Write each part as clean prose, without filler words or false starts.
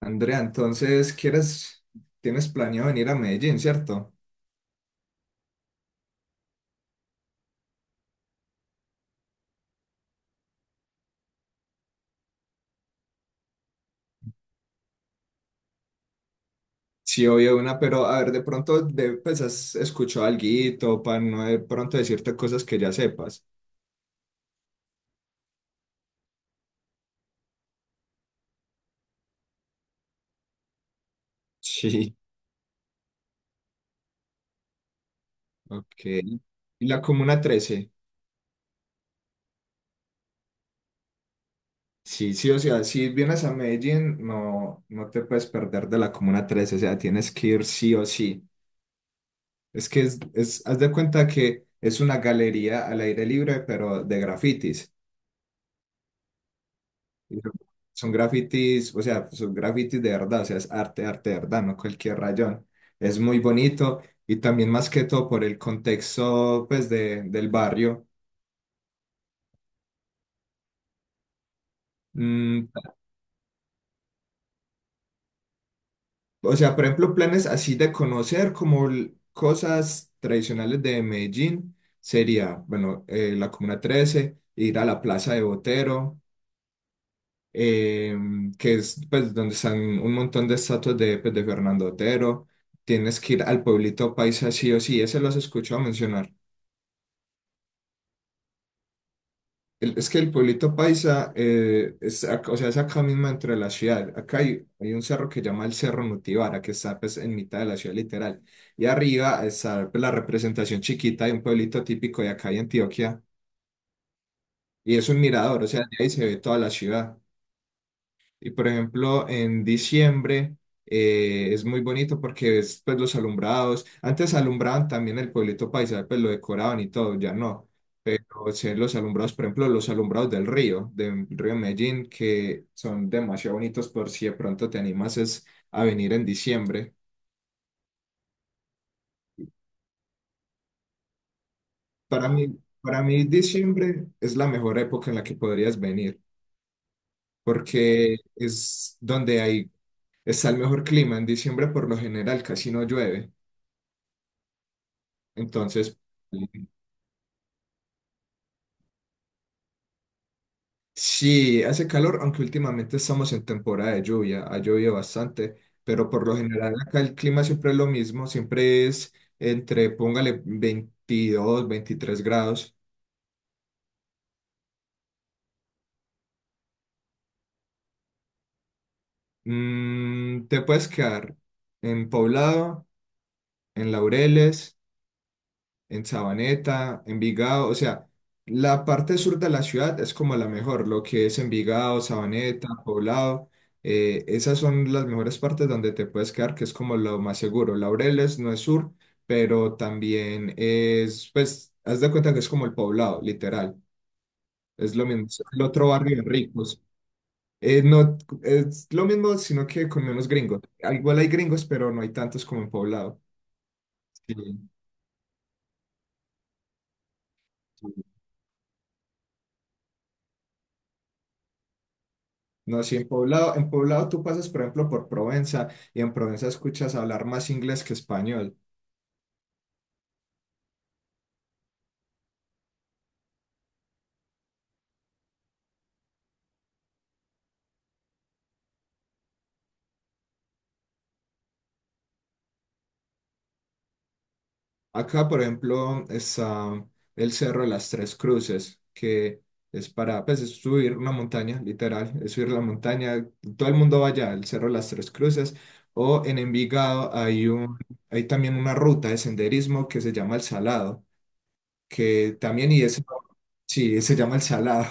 Andrea, entonces, ¿quieres, tienes planeado venir a Medellín, cierto? Sí, obvio, una, pero a ver, de pronto, de, pues, ¿has escuchado alguito para no de pronto decirte cosas que ya sepas? Sí. Ok. ¿Y la Comuna Trece? Sí, sí, o sea, si vienes a Medellín, no, no te puedes perder de la Comuna Trece, o sea, tienes que ir sí o sí. Es que haz de cuenta que es una galería al aire libre, pero de grafitis. Y Son Son grafitis, o sea, son grafitis de verdad, o sea, es arte, arte de verdad, no cualquier rayón. Es muy bonito y también más que todo por el contexto, pues, de, del barrio. Mm, o sea, por ejemplo, planes así de conocer como cosas tradicionales de Medellín sería, bueno, la Comuna 13, ir a la Plaza de Botero, eh, que es, pues, donde están un montón de estatuas de, pues, de Fernando Otero. Tienes que ir al pueblito paisa sí o sí, ese lo has escuchado mencionar. Es que el pueblito paisa, es, o sea, es acá mismo entre la ciudad. Acá hay, hay un cerro que se llama el Cerro Nutibara, que está, pues, en mitad de la ciudad, literal. Y arriba está, pues, la representación chiquita de un pueblito típico de acá de Antioquia. Y es un mirador, o sea, de ahí se ve toda la ciudad. Y por ejemplo, en diciembre, es muy bonito porque ves, pues, los alumbrados. Antes alumbraban también el pueblito paisa, pues lo decoraban y todo, ya no. Pero se ven los alumbrados, por ejemplo, los alumbrados del río Medellín, que son demasiado bonitos, por si de pronto te animas es a venir en diciembre. Para mí diciembre es la mejor época en la que podrías venir, porque es donde hay, está el mejor clima. En diciembre por lo general casi no llueve. Entonces, sí, hace calor, aunque últimamente estamos en temporada de lluvia, ha llovido bastante, pero por lo general acá el clima siempre es lo mismo, siempre es entre, póngale, 22 o 23 grados. Te puedes quedar en Poblado, en Laureles, en Sabaneta, Envigado, o sea, la parte sur de la ciudad es como la mejor, lo que es Envigado, Sabaneta, Poblado, esas son las mejores partes donde te puedes quedar, que es como lo más seguro. Laureles no es sur, pero también es, pues, haz de cuenta que es como el Poblado, literal, es lo mismo, es el otro barrio de ricos. No, es lo mismo, sino que con menos gringos. Ah, igual hay gringos, pero no hay tantos como en Poblado. Sí. Sí. No, sí, en Poblado tú pasas, por ejemplo, por Provenza y en Provenza escuchas hablar más inglés que español. Acá, por ejemplo, está el Cerro de las Tres Cruces, que es para, pues, es subir una montaña, literal, es subir la montaña. Todo el mundo va allá, el Cerro de las Tres Cruces. O en Envigado hay un, hay también una ruta de senderismo que se llama El Salado, que también, y es, sí, se llama El Salado.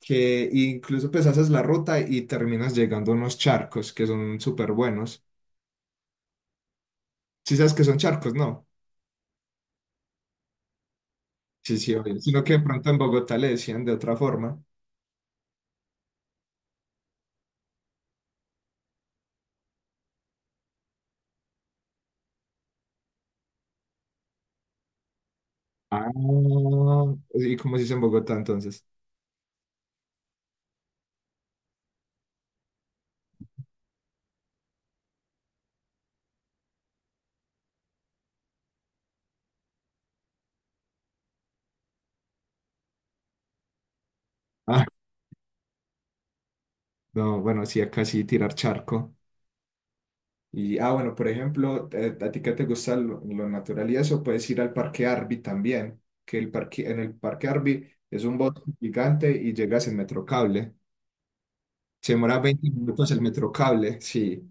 Que incluso, pues, haces la ruta y terminas llegando a unos charcos que son súper buenos. Si sabes que son charcos, no. Sí, sí, obvio. Sino que de pronto en Bogotá le decían de otra forma. Ah, ¿y cómo se dice en Bogotá entonces? Ah, no, bueno, sí, acá sí tirar charco. Y, ah, bueno, por ejemplo, a ti que te gusta lo natural y eso, puedes ir al Parque Arby también, que el parque, en el Parque Arby es un bosque gigante y llegas en Metrocable. Se demora 20 minutos el Metrocable, sí.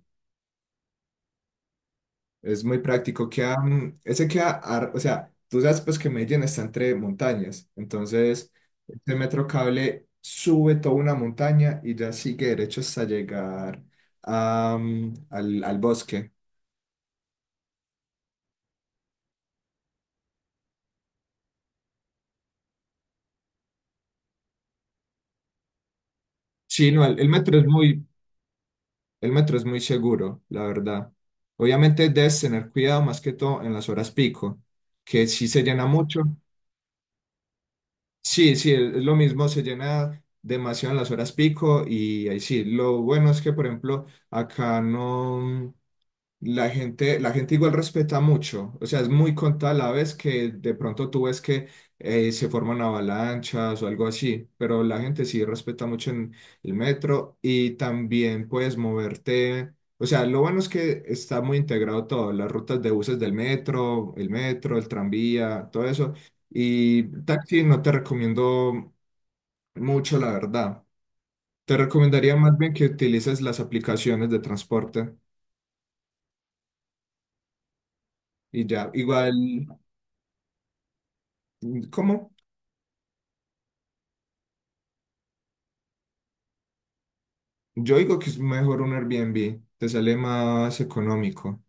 Es muy práctico. Queda, ese queda, o sea, tú sabes, pues, que Medellín está entre montañas, entonces este metro cable sube toda una montaña y ya sigue derecho hasta llegar a, al, al bosque. Sí, no, el metro es muy, el metro es muy seguro, la verdad. Obviamente debes tener cuidado más que todo en las horas pico, que sí se llena mucho. Sí, sí, es lo mismo, se llena demasiado en las horas pico y ahí sí, lo bueno es que, por ejemplo, acá no. La gente igual respeta mucho, o sea, es muy contada la vez que de pronto tú ves que se forman avalanchas o algo así, pero la gente sí respeta mucho en el metro y también puedes moverte, o sea, lo bueno es que está muy integrado todo, las rutas de buses del metro, el tranvía, todo eso, y taxi no te recomiendo mucho, la verdad. Te recomendaría más bien que utilices las aplicaciones de transporte y ya, igual, ¿cómo? Yo digo que es mejor un Airbnb, te sale más económico.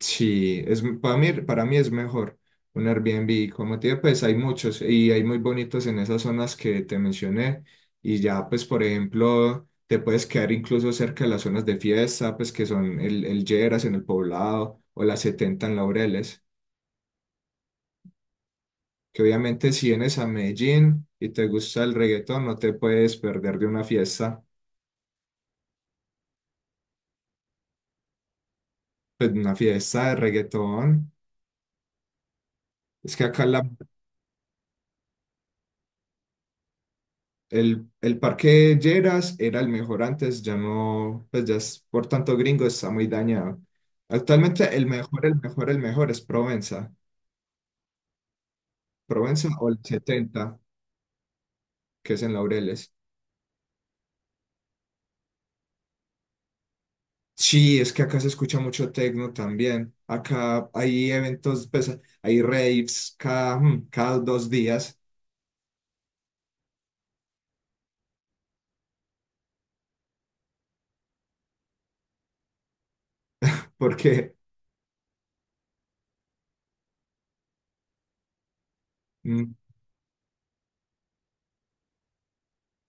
Sí, es, para mí es mejor un Airbnb. Como te digo, pues hay muchos y hay muy bonitos en esas zonas que te mencioné. Y ya, pues, por ejemplo, te puedes quedar incluso cerca de las zonas de fiesta, pues que son el Lleras en el Poblado o las 70 en Laureles. Que obviamente si vienes a Medellín y te gusta el reggaetón, no te puedes perder de una fiesta, pues una fiesta de reggaetón. Es que acá la, el parque Lleras era el mejor antes, ya no, pues ya es por tanto gringo, está muy dañado. Actualmente el mejor es Provenza. Provenza o el 70, que es en Laureles. Sí, es que acá se escucha mucho tecno también. Acá hay eventos, pues hay raves cada, cada dos días, porque mm,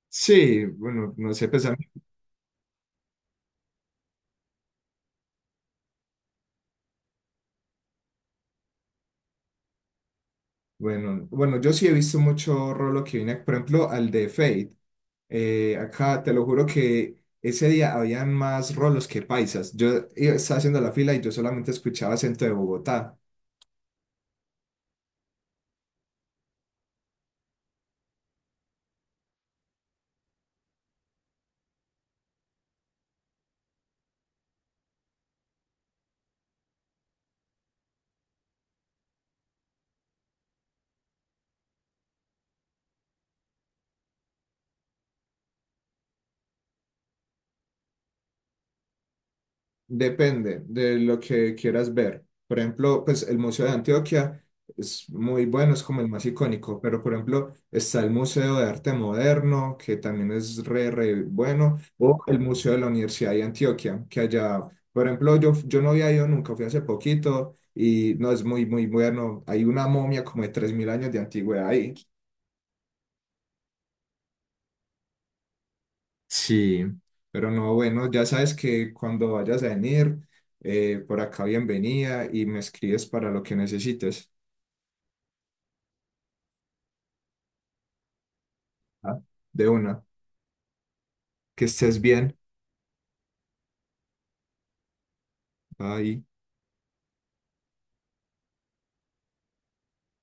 sí, bueno, no sé, pues a mí- bueno, bueno, yo sí he visto mucho rolo que viene, por ejemplo, al de Fate. Acá te lo juro que ese día habían más rolos que paisas. Estaba haciendo la fila y yo solamente escuchaba acento de Bogotá. Depende de lo que quieras ver. Por ejemplo, pues el Museo de Antioquia es muy bueno, es como el más icónico, pero por ejemplo está el Museo de Arte Moderno, que también es re bueno, o el Museo de la Universidad de Antioquia, que allá, por ejemplo, yo no había ido nunca, fui hace poquito y no es muy bueno. Hay una momia como de 3000 años de antigüedad ahí. Sí, pero no, bueno, ya sabes que cuando vayas a venir, por acá bienvenida y me escribes para lo que necesites. Ah. De una, que estés bien. Bye.